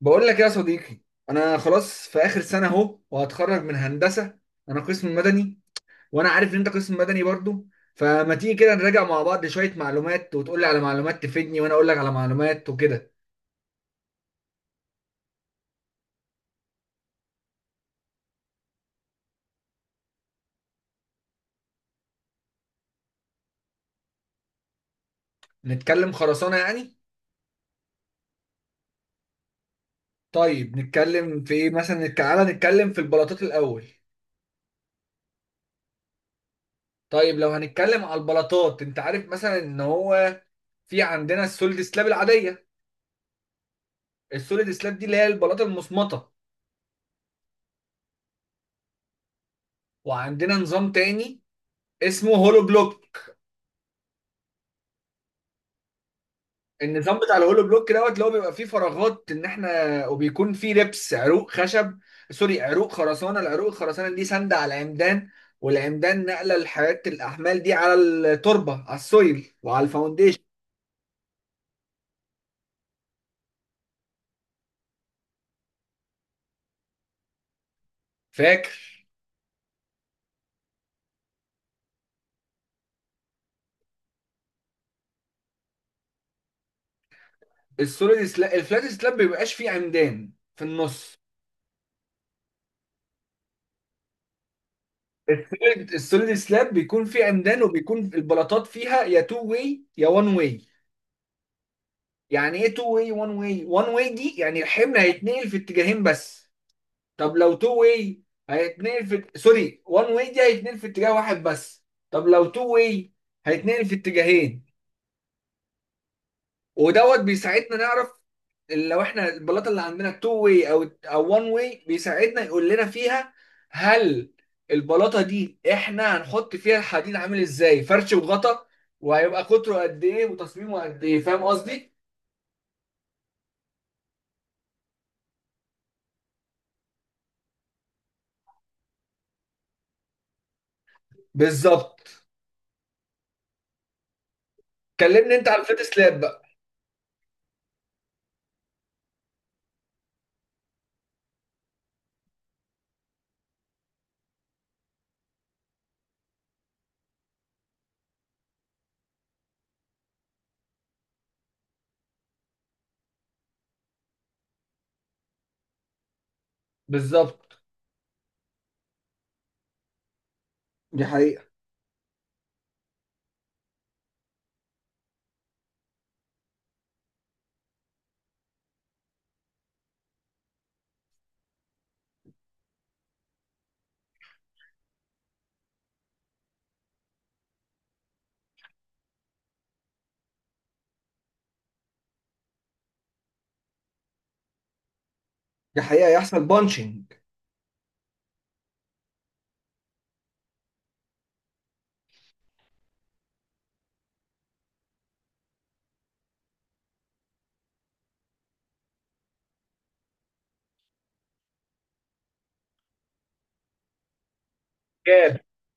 بقول لك يا صديقي، انا خلاص في اخر سنه اهو وهتخرج من هندسه. انا قسم مدني، وانا عارف ان انت قسم مدني برضو. فما تيجي كده نراجع مع بعض شويه معلومات وتقول لي على معلومات تفيدني وانا اقول لك على معلومات وكده. نتكلم خرسانه يعني. طيب نتكلم في ايه مثلا تعالى نتكلم في البلاطات الاول. طيب لو هنتكلم على البلاطات، انت عارف مثلا ان هو في عندنا السوليد سلاب العاديه. السوليد سلاب دي اللي هي البلاطه المصمطه. وعندنا نظام تاني اسمه هولو بلوك. النظام بتاع الهولو بلوك دوت اللي هو بيبقى فيه فراغات ان احنا، وبيكون فيه ربس عروق خشب، سوري عروق خرسانه. العروق الخرسانه دي ساندة على العمدان، والعمدان نقله لحياه الاحمال دي على التربه، على السويل وعلى الفاونديشن. فاكر السوليد سلاب الفلات سلاب بيبقاش فيه عمدان في النص. السوليد سلاب بيكون فيه عمدان، وبيكون البلاطات فيها يا تو واي يا وان واي. يعني ايه تو واي وان واي؟ وان واي دي يعني الحمل هيتنقل في اتجاهين بس. طب لو تو واي هيتنقل في سوري وان واي دي هيتنقل في اتجاه واحد بس. طب لو تو واي هيتنقل في اتجاهين. ودوت بيساعدنا نعرف لو احنا البلاطه اللي عندنا تو واي او وان واي. بيساعدنا يقول لنا فيها هل البلاطه دي احنا هنحط فيها الحديد عامل ازاي، فرش وغطا، وهيبقى قطره قد ايه وتصميمه قد ايه. فاهم قصدي؟ بالظبط. كلمني انت على الفيت سلاب بقى. بالظبط. دي حقيقة. دي حقيقة يحصل بانشنج.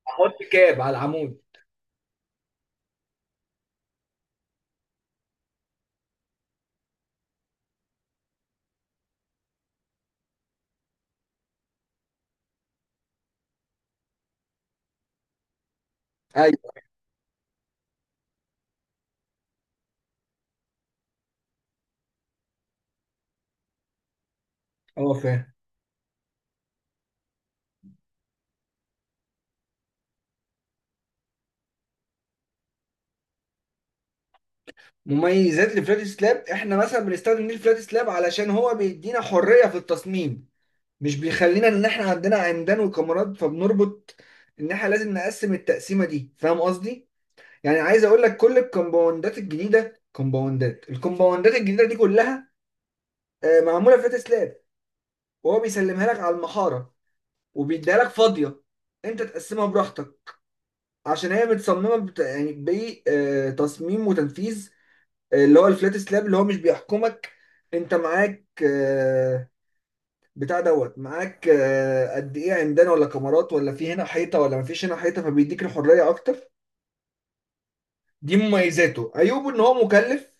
احط كاب على العمود. ايوه. اه فاهم. مميزات الفلات سلاب احنا مثلا بنستخدم ليه الفلات سلاب؟ علشان هو بيدينا حريه في التصميم، مش بيخلينا ان احنا عندنا عمدان وكاميرات فبنربط ان احنا لازم نقسم التقسيمه دي. فاهم قصدي؟ يعني عايز اقول لك كل الكومباوندات الجديده، الكومباوندات الجديده دي كلها معموله فلات سلاب. وهو بيسلمها لك على المحاره وبيديها لك فاضيه، انت تقسمها براحتك. عشان هي متصممه يعني بتصميم وتنفيذ اللي هو الفلات سلاب اللي هو مش بيحكمك. انت معاك بتاع دوت، معاك قد ايه عمدان ولا كاميرات، ولا في هنا حيطه ولا مفيش هنا حيطه، فبيديك الحريه اكتر. دي مميزاته. عيوبه ان هو مكلف.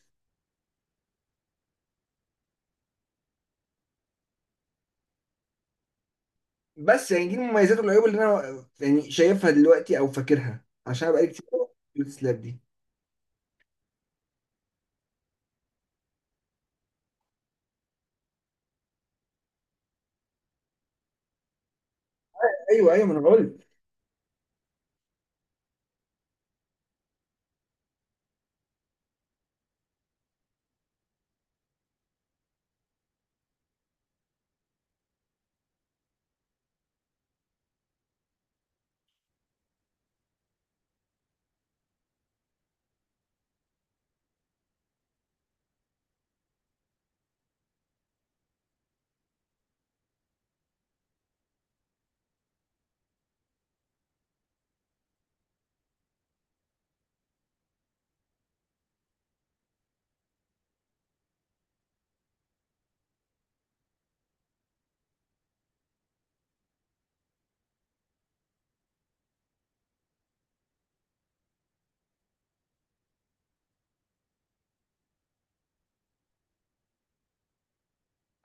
بس يعني دي مميزاته، والعيوب اللي انا يعني شايفها دلوقتي او فاكرها، عشان أنا بقالي كتير الفلات سلاب دي. ايوه ايوه، ما انا قلت.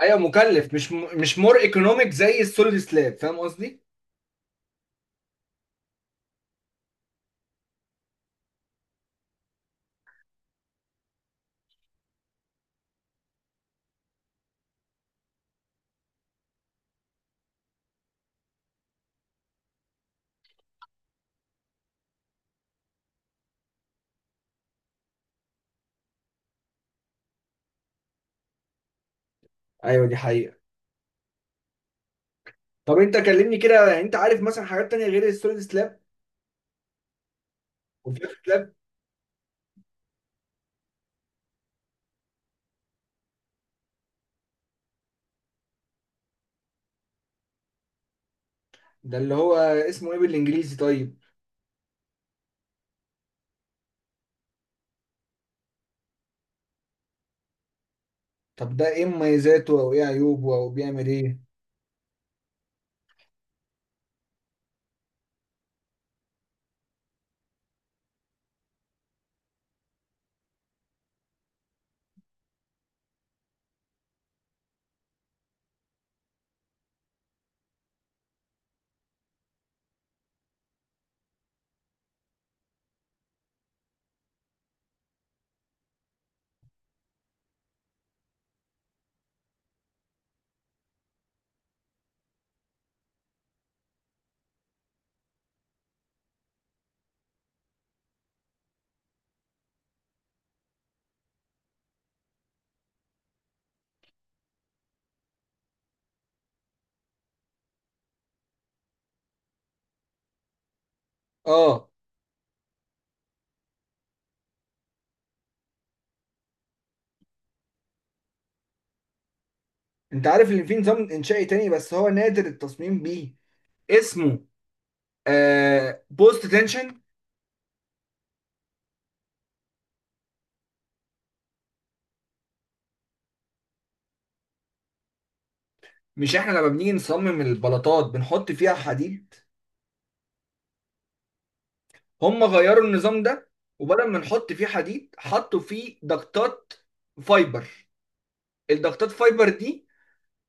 ايوه مكلف، مش مور ايكونوميك زي السوليد سلاب. فاهم قصدي؟ ايوه دي حقيقة. طب انت كلمني كده، يعني انت عارف مثلا حاجات تانية غير السوليد سلاب والفلات سلاب؟ ده اللي هو اسمه ايه بالانجليزي طيب؟ طب ده ايه مميزاته او ايه عيوبه او بيعمل ايه؟ اه. انت عارف ان في نظام انشائي تاني بس هو نادر التصميم بيه، اسمه بوست تنشن. مش احنا لما بنيجي نصمم البلاطات بنحط فيها حديد؟ هم غيروا النظام ده، وبدل ما نحط فيه حديد حطوا فيه ضغطات فايبر. الضغطات فايبر دي،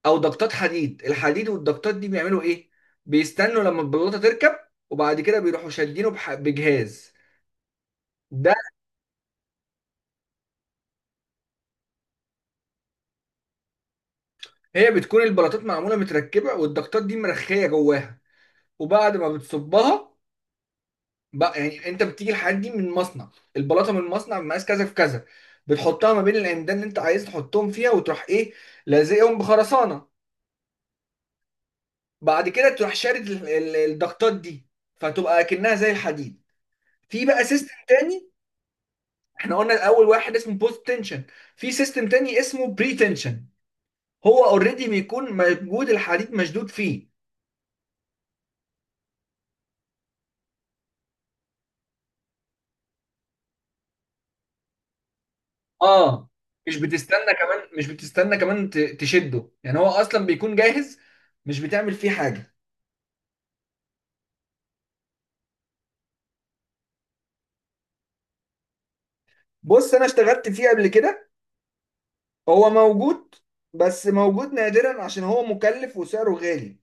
او ضغطات حديد، الحديد والضغطات دي بيعملوا ايه؟ بيستنوا لما البلاطه تركب، وبعد كده بيروحوا شادينه بجهاز ده. هي بتكون البلاطات معموله متركبه والضغطات دي مرخيه جواها، وبعد ما بتصبها بقى، يعني انت بتيجي الحديد دي من مصنع، البلاطه من مصنع مقاس كذا في كذا، بتحطها ما بين العمدان اللي انت عايز تحطهم فيها، وتروح ايه، لازقهم بخرسانه. بعد كده تروح شارد الضغطات دي، فتبقى اكنها زي الحديد. في بقى سيستم تاني. احنا قلنا اول واحد اسمه بوست تنشن، في سيستم تاني اسمه بري تنشن. هو اوريدي بيكون موجود الحديد مشدود فيه. اه. مش بتستنى كمان، مش بتستنى كمان تشده، يعني هو اصلا بيكون جاهز، مش بتعمل فيه حاجه. بص انا اشتغلت فيه قبل كده. هو موجود بس موجود نادرا، عشان هو مكلف وسعره غالي.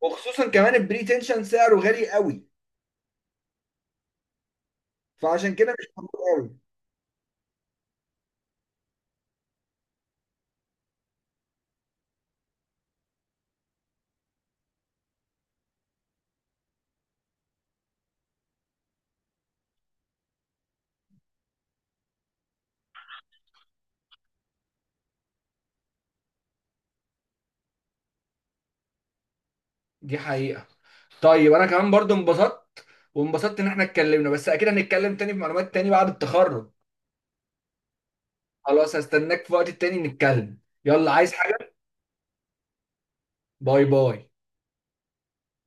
وخصوصا كمان البري تنشن سعره غالي قوي، فعشان كده مش موجود قوي. دي حقيقة. طيب انا كمان برضو انبسطت، وانبسطت ان احنا اتكلمنا، بس اكيد هنتكلم تاني في معلومات تاني بعد التخرج. خلاص هستناك في وقت تاني نتكلم. يلا عايز حاجة؟ باي باي.